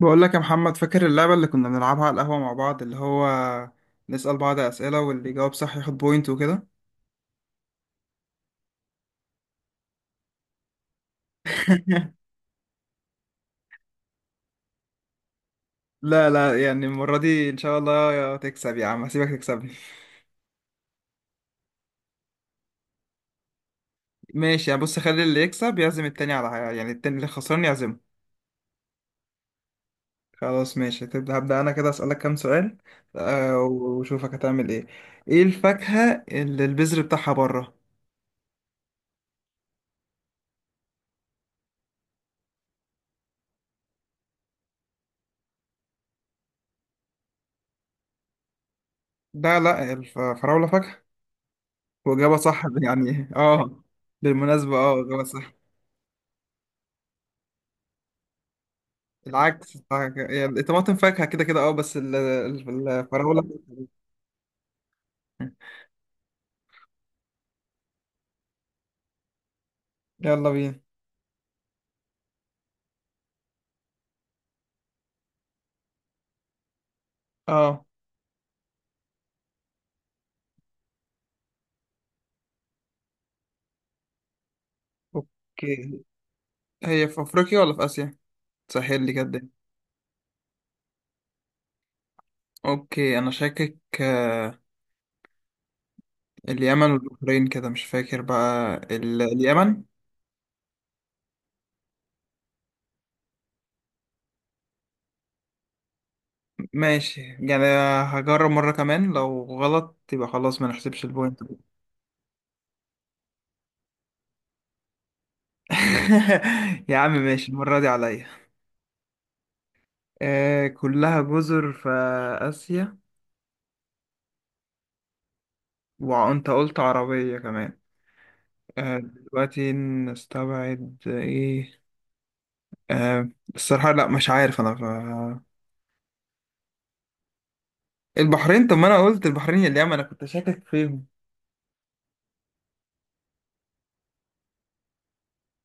بقول لك يا محمد، فاكر اللعبة اللي كنا بنلعبها على القهوة مع بعض؟ اللي هو نسأل بعض أسئلة واللي يجاوب صح ياخد بوينت وكده. لا لا، يعني المرة دي إن شاء الله، يا تكسب يا عم هسيبك تكسبني. ماشي، يعني بص، خلي اللي يكسب يعزم التاني على حاجة، يعني التاني اللي خسران يعزمه. خلاص ماشي، تبدأ؟ هبدأ أنا كده أسألك كام سؤال. وشوفك هتعمل إيه. إيه الفاكهة اللي البذر بتاعها بره؟ لا لا، الفراولة فاكهة. وإجابة صح. بالمناسبة، إجابة صح. يعني الطماطم فاكهة كده كده، اه، بس الفراولة. يلا بينا. اه. اوكي. هي في افريقيا ولا في اسيا؟ سهل لي كده الدنيا. اوكي انا شاكك، اليمن والبحرين كده، مش فاكر بقى اليمن. ماشي يعني. هجرب مرة كمان، لو غلط يبقى خلاص ما نحسبش البوينت. يا عم ماشي، المرة دي عليا. كلها جزر في آسيا. وانت قلت عربية كمان. دلوقتي نستبعد ايه؟ آه الصراحة لا، مش عارف انا البحرين. طب ما انا قلت البحرين اليمن، انا كنت شاكك فيهم.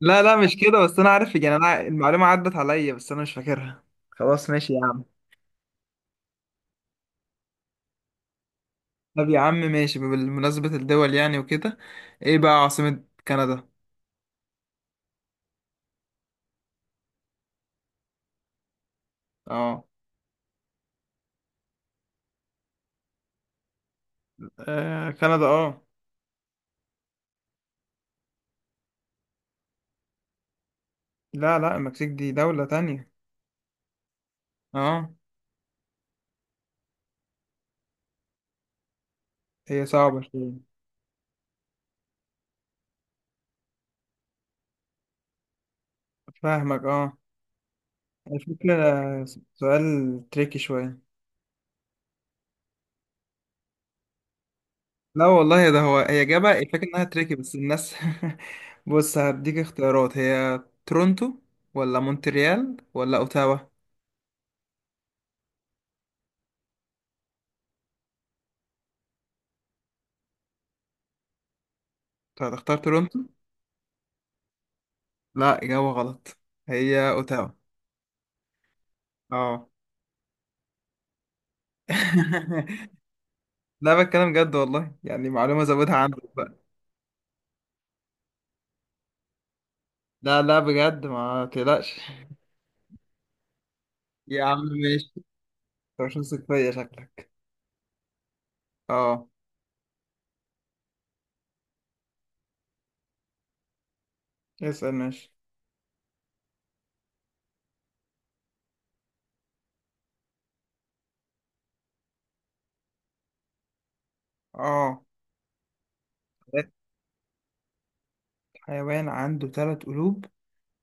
لا لا مش كده، بس انا عارف يعني، انا المعلومة عدت عليا بس انا مش فاكرها. خلاص ماشي يا عم. طب يا عم ماشي، بمناسبة الدول يعني وكده، ايه بقى عاصمة كندا؟ اه. كندا اه. لا لا، المكسيك دي دولة تانية. اه. هي صعبة شوية. فاهمك اه. الفكرة سؤال تريكي شوية. لا والله، ده هو هي جابها الفكرة انها تريكي بس الناس. بص هديك اختيارات، هي تورونتو ولا مونتريال ولا اوتاوا؟ طب هتختار تورونتو؟ لا، اجابة غلط. هي اوتاوا. اه. لا، بتكلم جد والله، يعني معلومة زودها عندك بقى. لا لا بجد، ما تقلقش. يا عم ماشي، انت مش واثق فيا شكلك. اه. اسأل ماشي. اه، حيوان عنده ثلاث قلوب.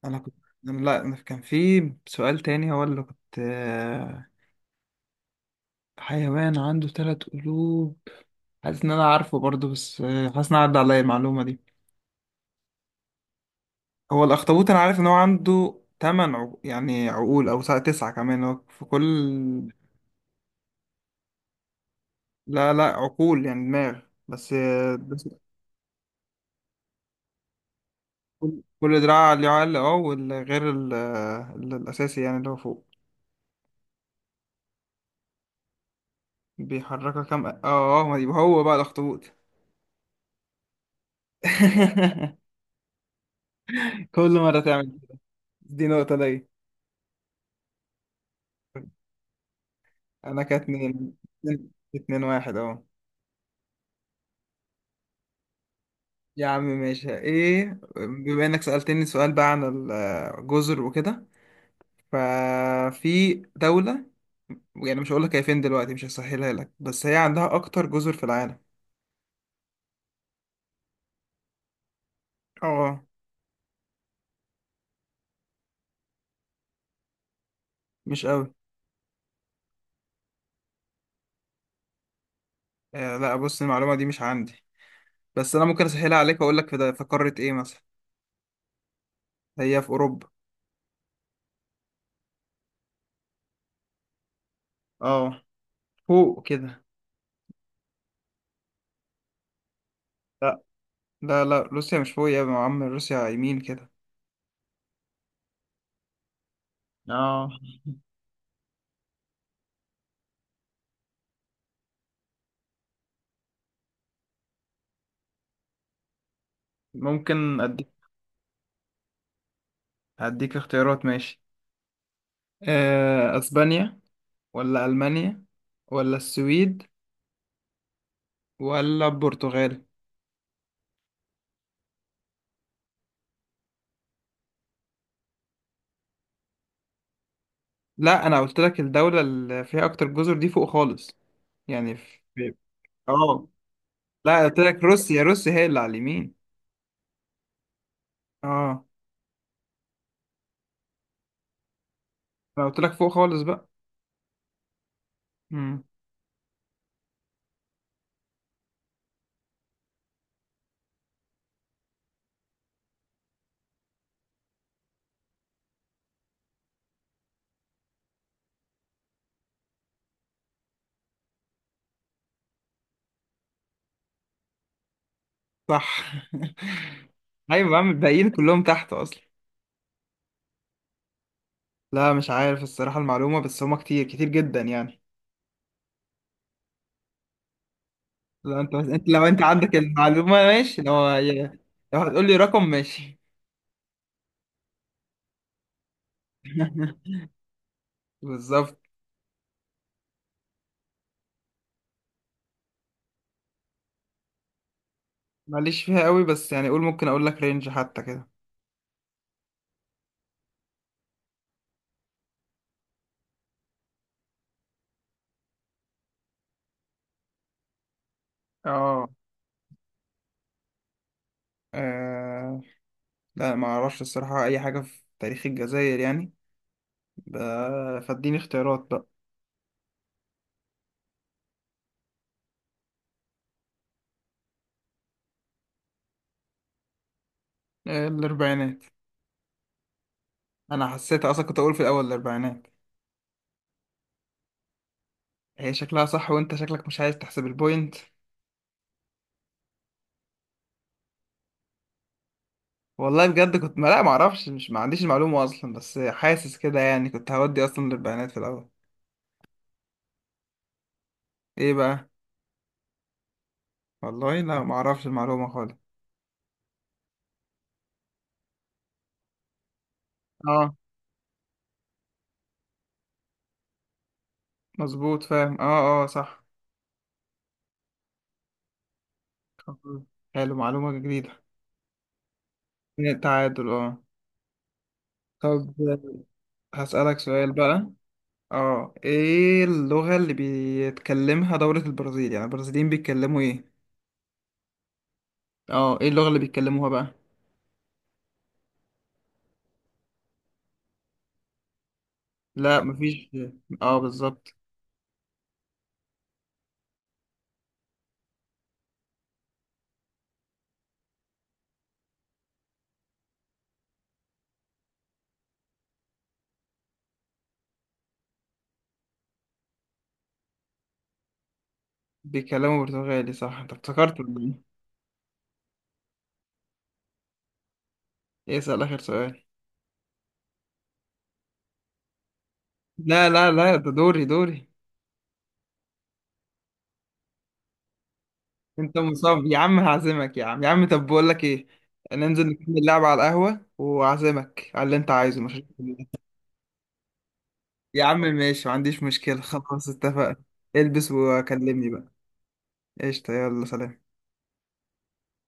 انا كنت، أنا لا، أنا كان في سؤال تاني هو اللي كنت، حيوان عنده ثلاث قلوب. حاسس ان انا عارفه برضه بس، حاسس ان أنا عدى عليا المعلومه دي. هو الاخطبوط، انا عارف ان هو عنده يعني عقول، او تسعة كمان هو في كل. لا لا، عقول يعني دماغ. بس بس كل دراع ليه عقل. اه. والغير الاساسي يعني اللي هو فوق. بيحركها كام، اه. اه، ما يبقى هو بقى الاخطبوط. كل مره تعمل. دي نقطه ليا. انا كانت اتنين. اتنين، اتنين واحد اهو. يا عم ماشي، ايه، بما انك سألتني سؤال بقى عن الجزر وكده، ففي دولة، يعني مش هقول لك هي فين دلوقتي، مش هسهلها لك، بس هي عندها اكتر جزر في العالم. اه. مش قوي. لا، بص المعلومة دي مش عندي، بس انا ممكن اسهلها عليك واقول لك في, في قارة ايه مثلا. هي في اوروبا. اه، فوق كده. لا لا لا، روسيا مش فوق يا عم، روسيا يمين كده. اه. ممكن اديك. هديك اختيارات ماشي. اسبانيا ولا المانيا ولا السويد ولا البرتغال؟ لا انا قلت لك الدوله اللي فيها اكتر جزر دي فوق خالص يعني. في، اه، لا قلت لك روسيا. روسيا هي اللي على اليمين. اه. انا قلت لك فوق خالص بقى. امم صح. ايوه، بعمل الباقيين كلهم تحت اصلا. لا مش عارف الصراحه المعلومه، بس هما كتير كتير جدا يعني. لو انت عندك المعلومه ماشي، لو لو هتقول لي رقم ماشي. بالظبط. ماليش فيها قوي بس يعني قول، ممكن اقول لك رينج حتى كده. اه. آه، لا، ما اعرفش الصراحة اي حاجة في تاريخ الجزائر يعني. فاديني اختيارات بقى. الاربعينات. انا حسيت اصلا كنت اقول في الاول الاربعينات. هي شكلها صح وانت شكلك مش عايز تحسب البوينت. والله بجد كنت، ما اعرفش، مش، ما عنديش المعلومة اصلا، بس حاسس كده يعني كنت هودي اصلا الاربعينات في الاول. ايه بقى؟ والله لا ما اعرفش المعلومة خالص. اه، مظبوط، فاهم، اه اه صح. حلو، معلومة جديدة. من التعادل اه. طب هسألك سؤال بقى. اه، ايه اللغة اللي بيتكلمها دولة البرازيل؟ يعني البرازيليين بيتكلموا ايه؟ اه، ايه اللغة اللي بيتكلموها بقى؟ لا، مفيش. اه، بالظبط. بيتكلموا برتغالي صح، انت افتكرت ولا؟ ايه، اسأل اخر سؤال. لا لا لا، ده دوري دوري. انت مصاب يا عم، هعزمك يا عم يا عم، طب بقول لك ايه، ننزل نكمل لعبة على القهوة وأعزمك على اللي انت عايزه مش. يا عم ماشي ما عنديش مشكلة. خلاص اتفقنا. البس وكلمني بقى. قشطة يلا، سلام.